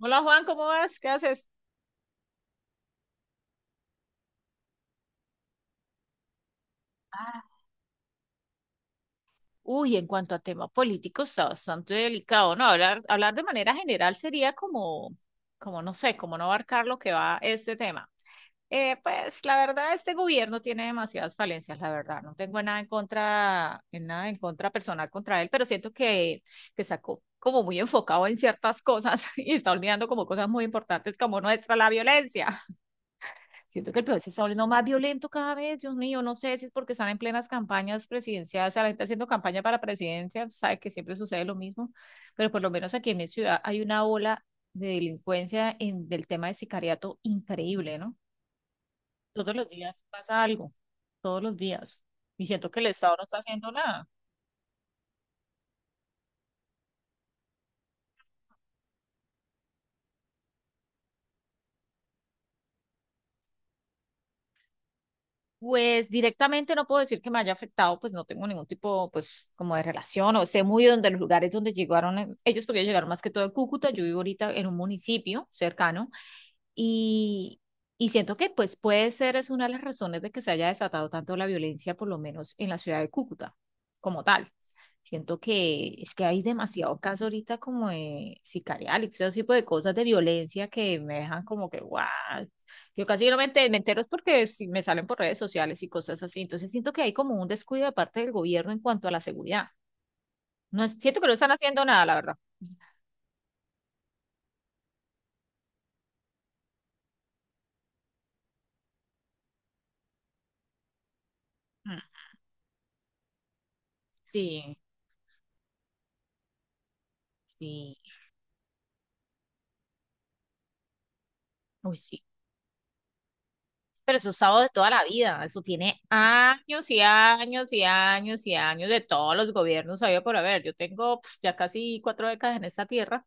Hola Juan, ¿cómo vas? ¿Qué haces? Ah. Uy, en cuanto a tema político está bastante delicado, ¿no? Hablar de manera general sería como, como no sé, como no abarcar lo que va este tema. Pues la verdad, este gobierno tiene demasiadas falencias, la verdad. No tengo nada en contra, en nada en contra personal contra él, pero siento que está como muy enfocado en ciertas cosas y está olvidando como cosas muy importantes como la violencia. Siento que el país se está volviendo más violento cada vez, Dios mío, no sé si es porque están en plenas campañas presidenciales, o sea, la gente haciendo campaña para presidencia, sabe que siempre sucede lo mismo, pero por lo menos aquí en mi ciudad hay una ola de delincuencia del tema de sicariato increíble, ¿no? Todos los días pasa algo, todos los días, y siento que el Estado no está haciendo nada. Pues directamente no puedo decir que me haya afectado, pues no tengo ningún tipo, pues como de relación, o sé muy donde los lugares donde llegaron ellos, porque ellos llegaron más que todo de Cúcuta. Yo vivo ahorita en un municipio cercano, y, y siento que pues puede ser es una de las razones de que se haya desatado tanto la violencia, por lo menos en la ciudad de Cúcuta, como tal. Siento que es que hay demasiados casos ahorita como de sicarial y todo ese tipo de cosas de violencia que me dejan como que, guau, yo casi no me entero, es porque si me salen por redes sociales y cosas así. Entonces siento que hay como un descuido de parte del gobierno en cuanto a la seguridad. No es, siento que no están haciendo nada, la verdad. Mm. Sí, sí. Uy, sí. Pero eso es usado de toda la vida, eso tiene años y años y años y años de todos los gobiernos, había por haber. Yo tengo ya casi 4 décadas en esta tierra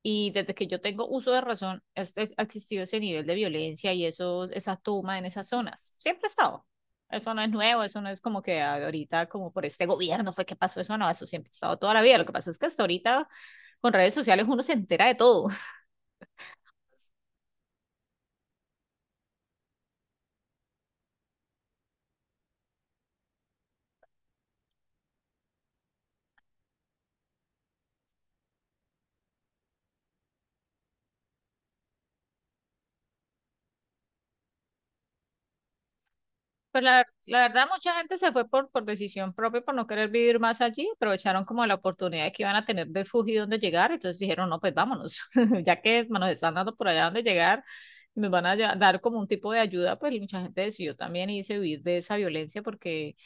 y desde que yo tengo uso de razón, este, ha existido ese nivel de violencia y eso, esa toma en esas zonas. Siempre ha estado. Eso no es nuevo, eso no es como que ahorita, como por este gobierno fue que pasó eso, no, eso siempre ha estado toda la vida. Lo que pasa es que hasta ahorita con redes sociales uno se entera de todo. Pues la verdad, mucha gente se fue por decisión propia, por no querer vivir más allí. Aprovecharon como la oportunidad que iban a tener de fugir donde llegar. Entonces dijeron, no, pues vámonos, ya que nos están dando por allá donde llegar, y nos van a dar como un tipo de ayuda. Pues mucha gente decidió también irse a huir de esa violencia porque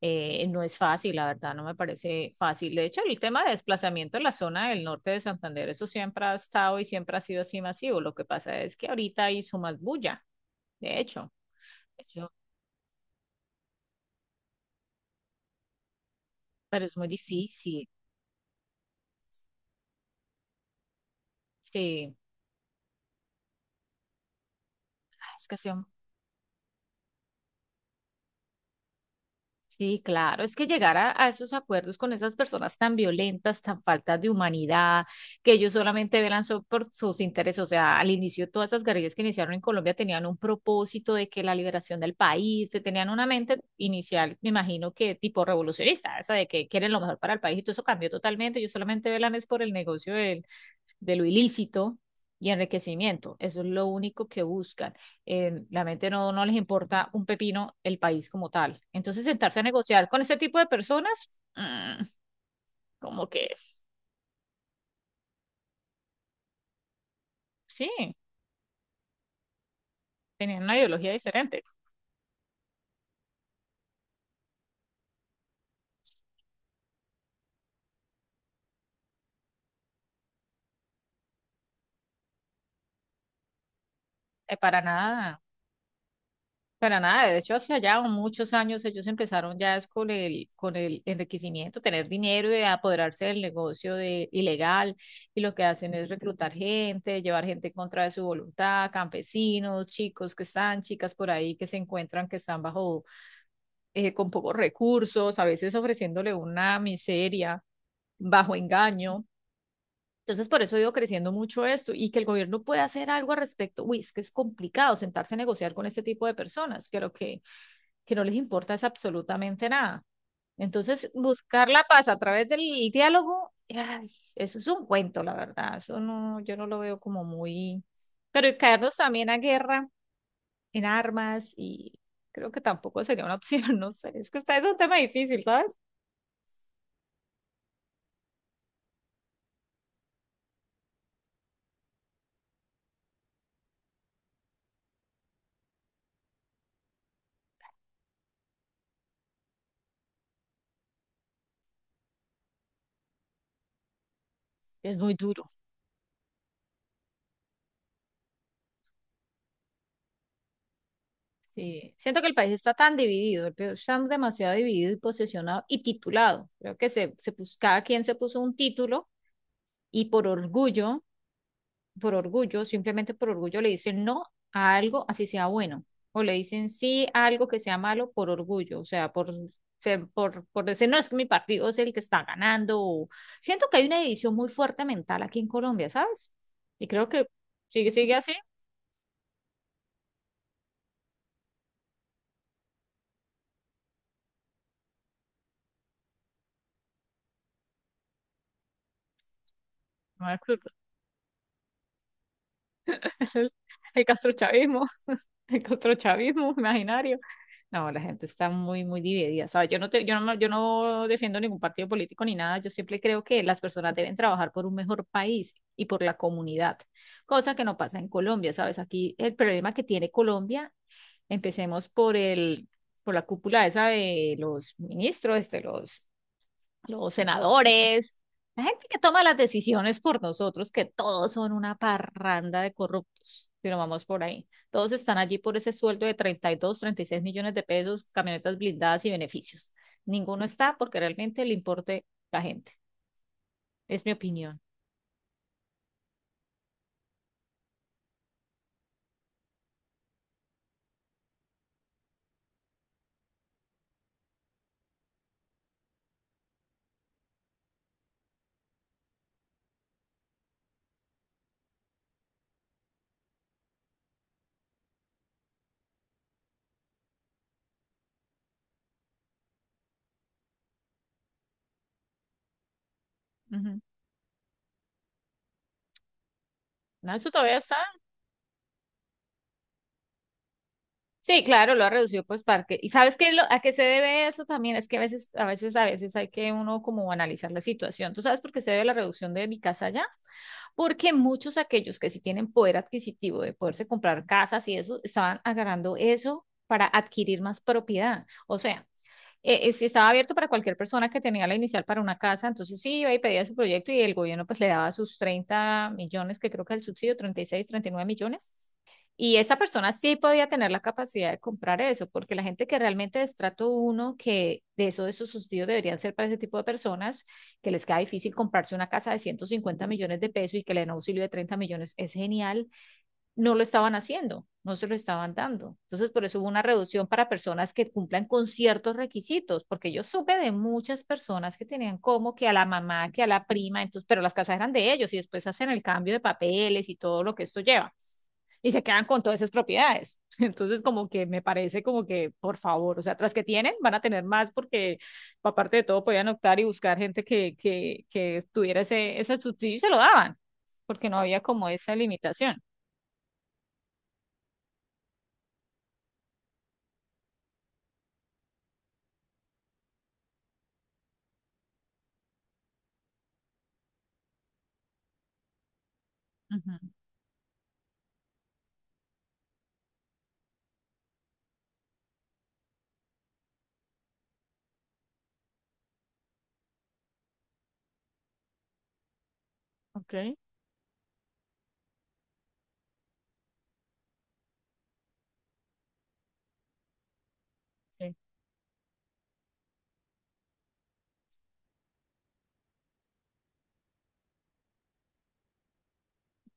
no es fácil, la verdad, no me parece fácil. De hecho, el tema de desplazamiento en la zona del norte de Santander, eso siempre ha estado y siempre ha sido así masivo. Lo que pasa es que ahorita hizo más bulla, de hecho. De hecho, pero es muy difícil. Sí, ah, es que sí, sí, claro, es que llegar a esos acuerdos con esas personas tan violentas, tan faltas de humanidad, que ellos solamente velan por sus intereses, o sea, al inicio todas esas guerrillas que iniciaron en Colombia tenían un propósito de que la liberación del país, que tenían una mente inicial, me imagino que tipo revolucionista, esa de que quieren lo mejor para el país y todo eso cambió totalmente, ellos solamente velan es por el negocio de lo ilícito y enriquecimiento. Eso es lo único que buscan. La mente no, no les importa un pepino el país como tal. Entonces, sentarse a negociar con ese tipo de personas, mm, como que sí, tenían una ideología diferente. Para nada. Para nada, de hecho, hace allá muchos años ellos empezaron ya es con el enriquecimiento, tener dinero y apoderarse del negocio de, ilegal. Y lo que hacen es reclutar gente, llevar gente en contra de su voluntad, campesinos, chicos que están, chicas por ahí que se encuentran que están bajo, con pocos recursos, a veces ofreciéndole una miseria bajo engaño. Entonces, por eso ha ido creciendo mucho esto y que el gobierno pueda hacer algo al respecto. Uy, es que es complicado sentarse a negociar con este tipo de personas. Creo que no les importa es absolutamente nada. Entonces, buscar la paz a través del diálogo, ¡as! Eso es un cuento, la verdad. Eso no, yo no lo veo como muy... Pero el caernos también a guerra en armas y creo que tampoco sería una opción, no sé. Es que está, es un tema difícil, ¿sabes? Es muy duro. Sí. Siento que el país está tan dividido, el país está demasiado dividido y posesionado y titulado. Creo que cada quien se puso un título y por orgullo, por orgullo, simplemente por orgullo le dicen no a algo así sea bueno, o le dicen sí a algo que sea malo por orgullo, o sea, por, por decir no, es que mi partido es el que está ganando. Siento que hay una división muy fuerte mental aquí en Colombia, ¿sabes? Y creo que sigue, sigue así. No hay club. El, el castrochavismo, el castrochavismo imaginario. No, la gente está muy, muy dividida, ¿sabes? Yo no te- yo no, me- Yo no defiendo ningún partido político ni nada. Yo siempre creo que las personas deben trabajar por un mejor país y por la comunidad, cosa que no pasa en Colombia, ¿sabes? Aquí el problema que tiene Colombia, empecemos por por la cúpula esa de los ministros, de los senadores, la gente que toma las decisiones por nosotros, que todos son una parranda de corruptos, si no vamos por ahí. Todos están allí por ese sueldo de treinta 32, 36 millones de pesos, camionetas blindadas y beneficios. Ninguno está porque realmente le importe la gente. Es mi opinión. Ujú. No, eso todavía está. Sí, claro, lo ha reducido pues para que. ¿Y sabes qué, es lo, a qué se debe eso también? Es que a veces, a veces, a veces hay que uno como analizar la situación. ¿Tú sabes por qué se debe la reducción de mi casa allá? Porque muchos aquellos que sí tienen poder adquisitivo de poderse comprar casas y eso, estaban agarrando eso para adquirir más propiedad. O sea, sí estaba abierto para cualquier persona que tenía la inicial para una casa, entonces sí iba y pedía su proyecto y el gobierno pues le daba sus 30 millones, que creo que es el subsidio treinta 36 39 millones. Y esa persona sí podía tener la capacidad de comprar eso, porque la gente que realmente de estrato uno, que de eso, de esos subsidios deberían ser para ese tipo de personas, que les queda difícil comprarse una casa de 150 millones de pesos y que le den auxilio de 30 millones, es genial. No lo estaban haciendo, no se lo estaban dando. Entonces, por eso hubo una reducción para personas que cumplan con ciertos requisitos, porque yo supe de muchas personas que tenían como que a la mamá, que a la prima, entonces, pero las casas eran de ellos y después hacen el cambio de papeles y todo lo que esto lleva y se quedan con todas esas propiedades. Entonces, como que me parece como que, por favor, o sea, tras que tienen, van a tener más porque aparte de todo podían optar y buscar gente que tuviera ese, ese subsidio y se lo daban, porque no había como esa limitación. Uh -huh. Ok, sí.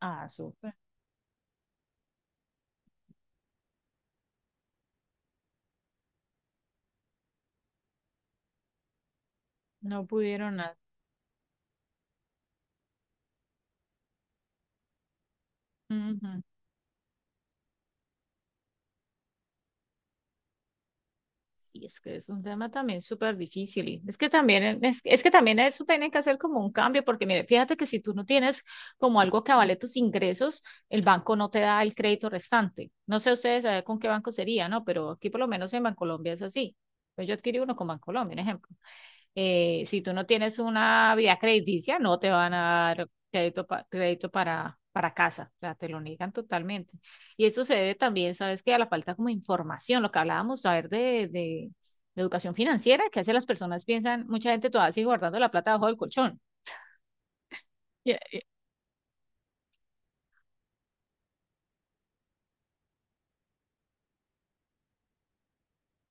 Ah, súper. No pudieron nada. Ujú. Sí, es que es un tema también súper difícil. Y es que también es que también eso tienen que hacer como un cambio, porque mire, fíjate que si tú no tienes como algo que avale tus ingresos, el banco no te da el crédito restante. No sé ustedes con qué banco sería, ¿no? Pero aquí por lo menos en Bancolombia es así. Pues yo adquirí uno con Bancolombia, un ejemplo. Si tú no tienes una vida crediticia, no te van a dar crédito, crédito para casa, o sea, te lo niegan totalmente. Y esto se debe también, ¿sabes qué? A la falta como de información, lo que hablábamos, saber de educación financiera, que hace las personas piensan, mucha gente todavía sigue guardando la plata bajo el colchón. Y- y-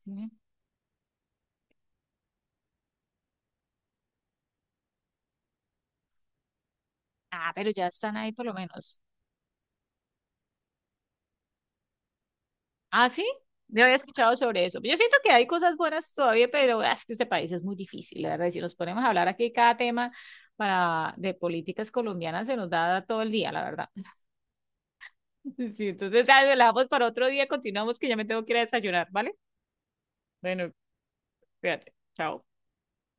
Sí. Ah, pero ya están ahí por lo menos. Ah, sí, no había escuchado sobre eso. Yo siento que hay cosas buenas todavía, pero ah, es que este país es muy difícil, la verdad. Y si nos ponemos a hablar aquí cada tema para, de políticas colombianas, se nos da todo el día, la verdad. Sí, entonces, ah, la dejamos para otro día, continuamos que ya me tengo que ir a desayunar, ¿vale? Bueno, fíjate, chao.